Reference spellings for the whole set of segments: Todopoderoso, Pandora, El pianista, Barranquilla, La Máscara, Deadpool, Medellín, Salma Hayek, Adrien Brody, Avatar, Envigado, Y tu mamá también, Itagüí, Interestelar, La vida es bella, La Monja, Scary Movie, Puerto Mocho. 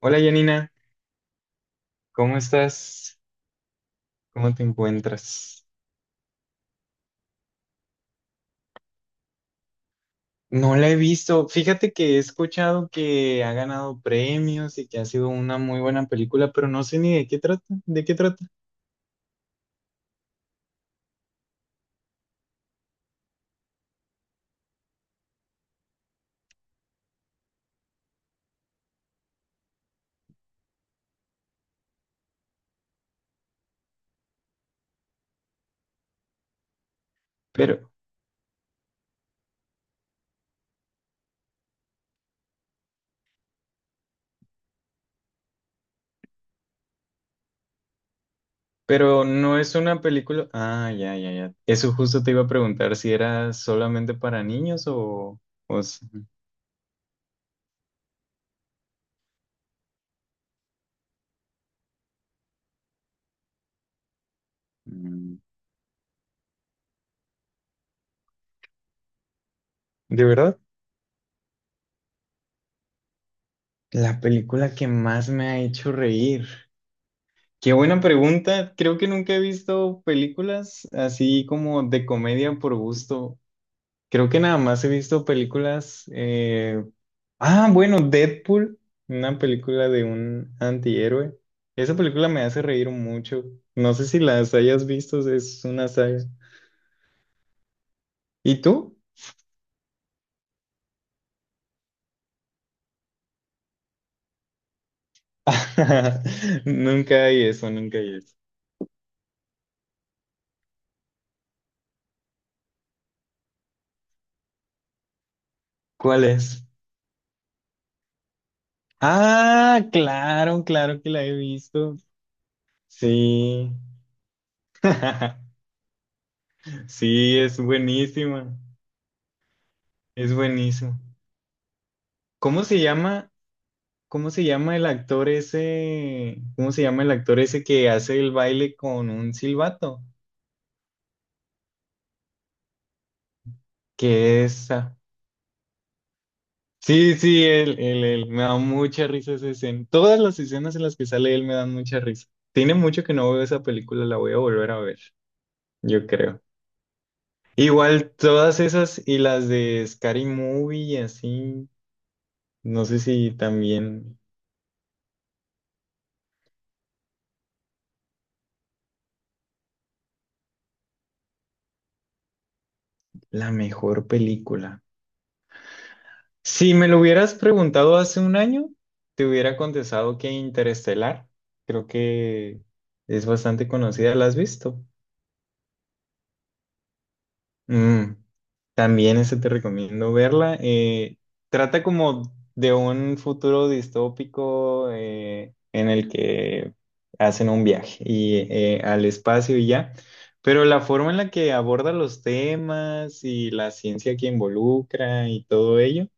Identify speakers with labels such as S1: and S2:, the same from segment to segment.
S1: Hola Janina, ¿cómo estás? ¿Cómo te encuentras? No la he visto. Fíjate que he escuchado que ha ganado premios y que ha sido una muy buena película, pero no sé ni de qué trata, de qué trata. Pero, pero no es una película. Ah, ya, ya, ya. Eso justo te iba a preguntar si era solamente para niños o, o s- mm, ¿De verdad? La película que más me ha hecho reír. Qué buena pregunta. Creo que nunca he visto películas así como de comedia por gusto. Creo que nada más he visto películas. Ah, bueno, Deadpool, una película de un antihéroe. Esa película me hace reír mucho. No sé si las hayas visto, es una saga. ¿Y tú? Nunca hay eso, nunca hay eso. ¿Cuál es? Ah, claro, claro que la he visto. Sí. Sí, es buenísima, es buenísimo. ¿Cómo se llama? ¿Cómo se llama el actor ese? ¿Cómo se llama el actor ese que hace el baile con un silbato? ¿Que es? Ah, sí, sí, él, él, él. Me da mucha risa esa escena. Todas las escenas en las que sale él me dan mucha risa. Tiene mucho que no veo esa película, la voy a volver a ver, yo creo. Igual todas esas y las de Scary Movie y así, no sé si también la mejor película. Si me lo hubieras preguntado hace un año, te hubiera contestado que Interestelar. Creo que es bastante conocida, ¿la has visto? Mm, también esa te recomiendo verla. Trata como de un futuro distópico en el que hacen un viaje y, al espacio y ya. Pero la forma en la que aborda los temas y la ciencia que involucra y todo ello.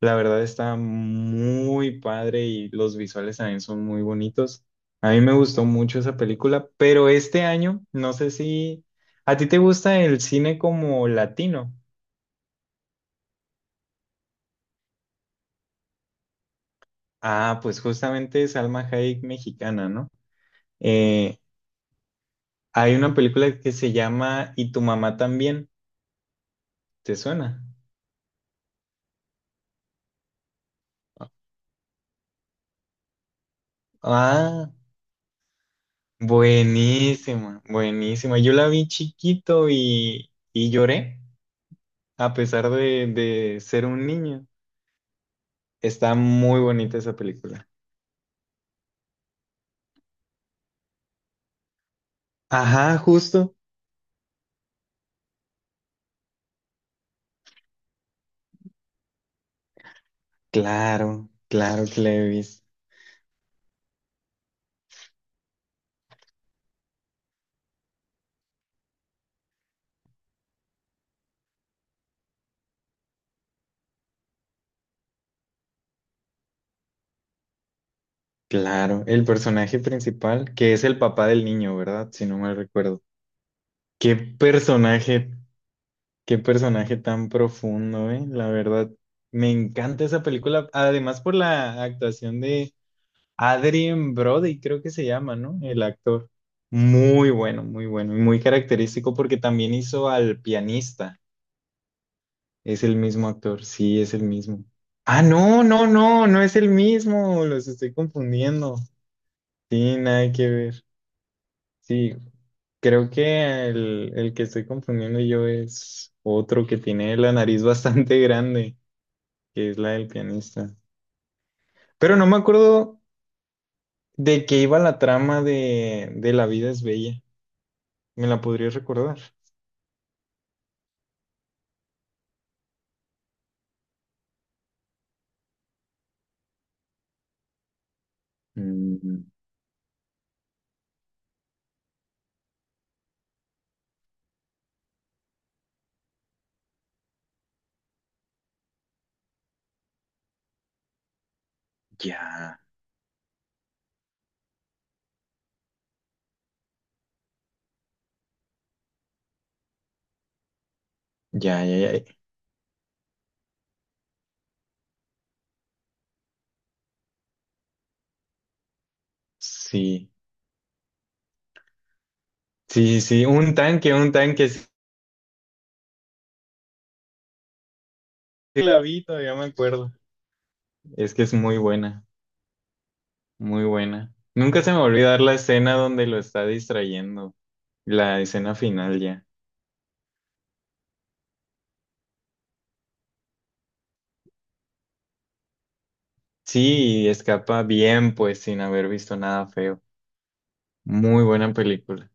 S1: La verdad está muy padre y los visuales también son muy bonitos. A mí me gustó mucho esa película, pero este año, no sé si a ti te gusta el cine como latino. Ah, pues justamente Salma Hayek mexicana, ¿no? Eh, hay una película que se llama Y tu mamá también, ¿te suena? Ah, buenísima, buenísima. Yo la vi chiquito y lloré a pesar de ser un niño. Está muy bonita esa película. Ajá, justo. Claro, claro que la he visto. Claro, el personaje principal, que es el papá del niño, ¿verdad? Si no mal recuerdo. Qué personaje, qué personaje tan profundo, ¿eh? La verdad, me encanta esa película. Además por la actuación de Adrien Brody, creo que se llama, ¿no? El actor. Muy bueno, muy bueno y muy característico porque también hizo al pianista. Es el mismo actor, sí, es el mismo. Ah, no, no, no, no es el mismo, los estoy confundiendo. Sí, nada que ver. Sí, creo que el que estoy confundiendo yo es otro que tiene la nariz bastante grande, que es la del pianista. Pero no me acuerdo de, qué iba la trama de La vida es bella. ¿Me la podrías recordar? Mm, ya, ya, ya, ya. Sí, sí, sí, un tanque, sí la vi, todavía me acuerdo. Es que es muy buena, muy buena. Nunca se me va a olvidar la escena donde lo está distrayendo, la escena final ya. Sí, y escapa bien, pues sin haber visto nada feo. Muy buena película.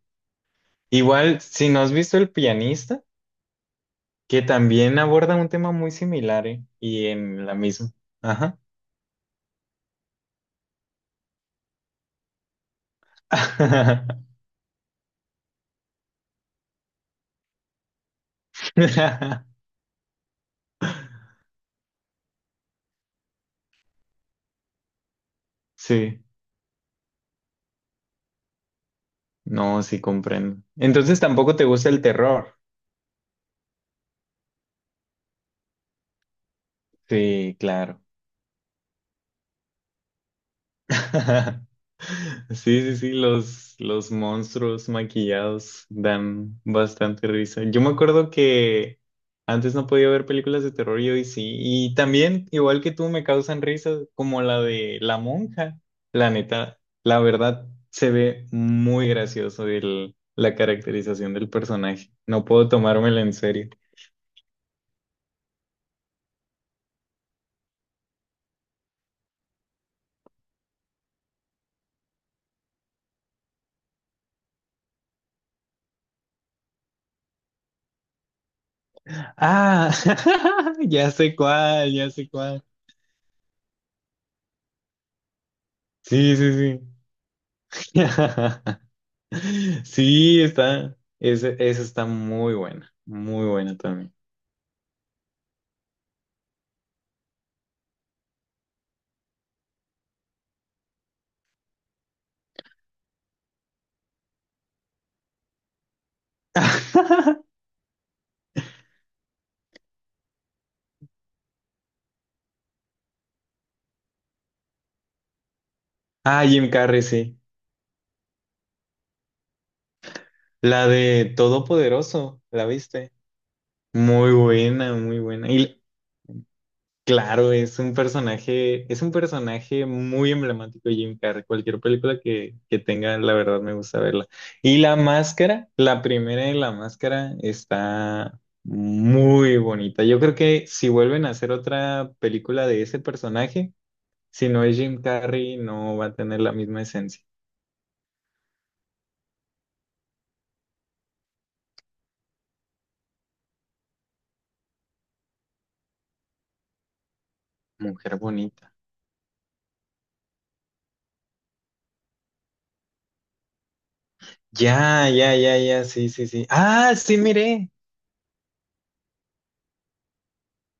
S1: Igual, si no has visto El pianista, que también aborda un tema muy similar, ¿eh? Y en la misma. Ajá. Sí, no, sí comprendo. Entonces tampoco te gusta el terror. Sí, claro. Sí, sí, sí, los monstruos maquillados dan bastante risa. Yo me acuerdo que antes no podía ver películas de terror y hoy sí. Y también, igual que tú, me causan risas como la de La Monja. La neta, la verdad, se ve muy gracioso el, la caracterización del personaje. No puedo tomármela en serio. Ah, ya sé cuál, ya sé cuál. Sí, sí, sí. Sí, está. Ese- Esa está muy buena. Muy buena también. Ah, Jim Carrey, sí. La de Todopoderoso, ¿la viste? Muy buena, muy buena. Y claro, es un personaje muy emblemático de Jim Carrey. Cualquier película que tenga, la verdad me gusta verla. Y La Máscara, la primera de La Máscara está muy bonita. Yo creo que si vuelven a hacer otra película de ese personaje, si no es Jim Carrey, no va a tener la misma esencia. Mujer bonita. Ya, ya, ya, ya, sí, sí, sí. Ah, sí, miré.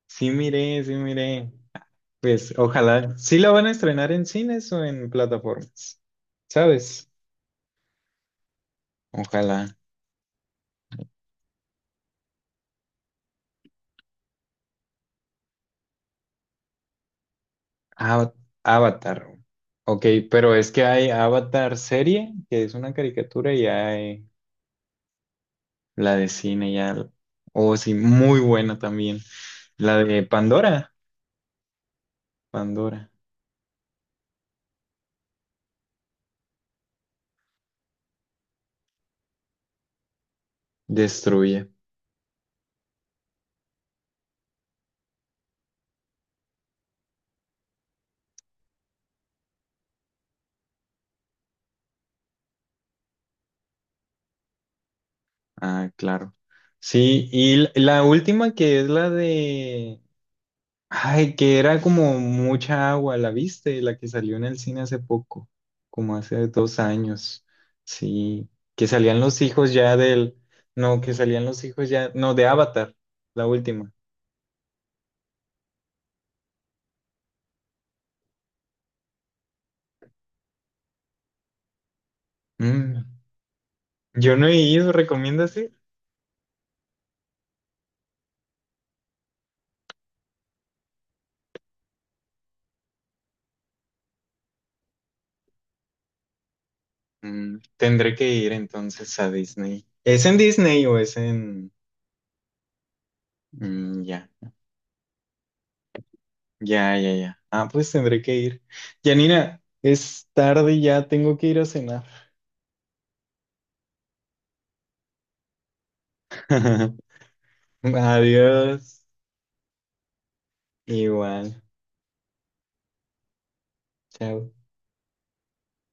S1: Sí, miré, sí, miré. Pues ojalá. Sí la van a estrenar en cines o en plataformas. ¿Sabes? Ojalá. Ava- Avatar. Ok, pero es que hay Avatar serie, que es una caricatura, y hay la de cine, ya. Oh, sí, muy buena también. La de Pandora. Pandora. Destruye. Ah, claro. Sí, y la última que es la de... Ay, que era como mucha agua, ¿la viste? La que salió en el cine hace poco, como hace 2 años. Sí, que salían los hijos ya del... No, que salían los hijos ya... No, de Avatar, la última. Mm, yo no he ido, ¿recomiendas ir? Tendré que ir entonces a Disney. ¿Es en Disney o es en... Mm, ya. Ya, ya, ya. Ah, pues tendré que ir. Janina, es tarde y ya tengo que ir a cenar. Adiós. Igual. Chao.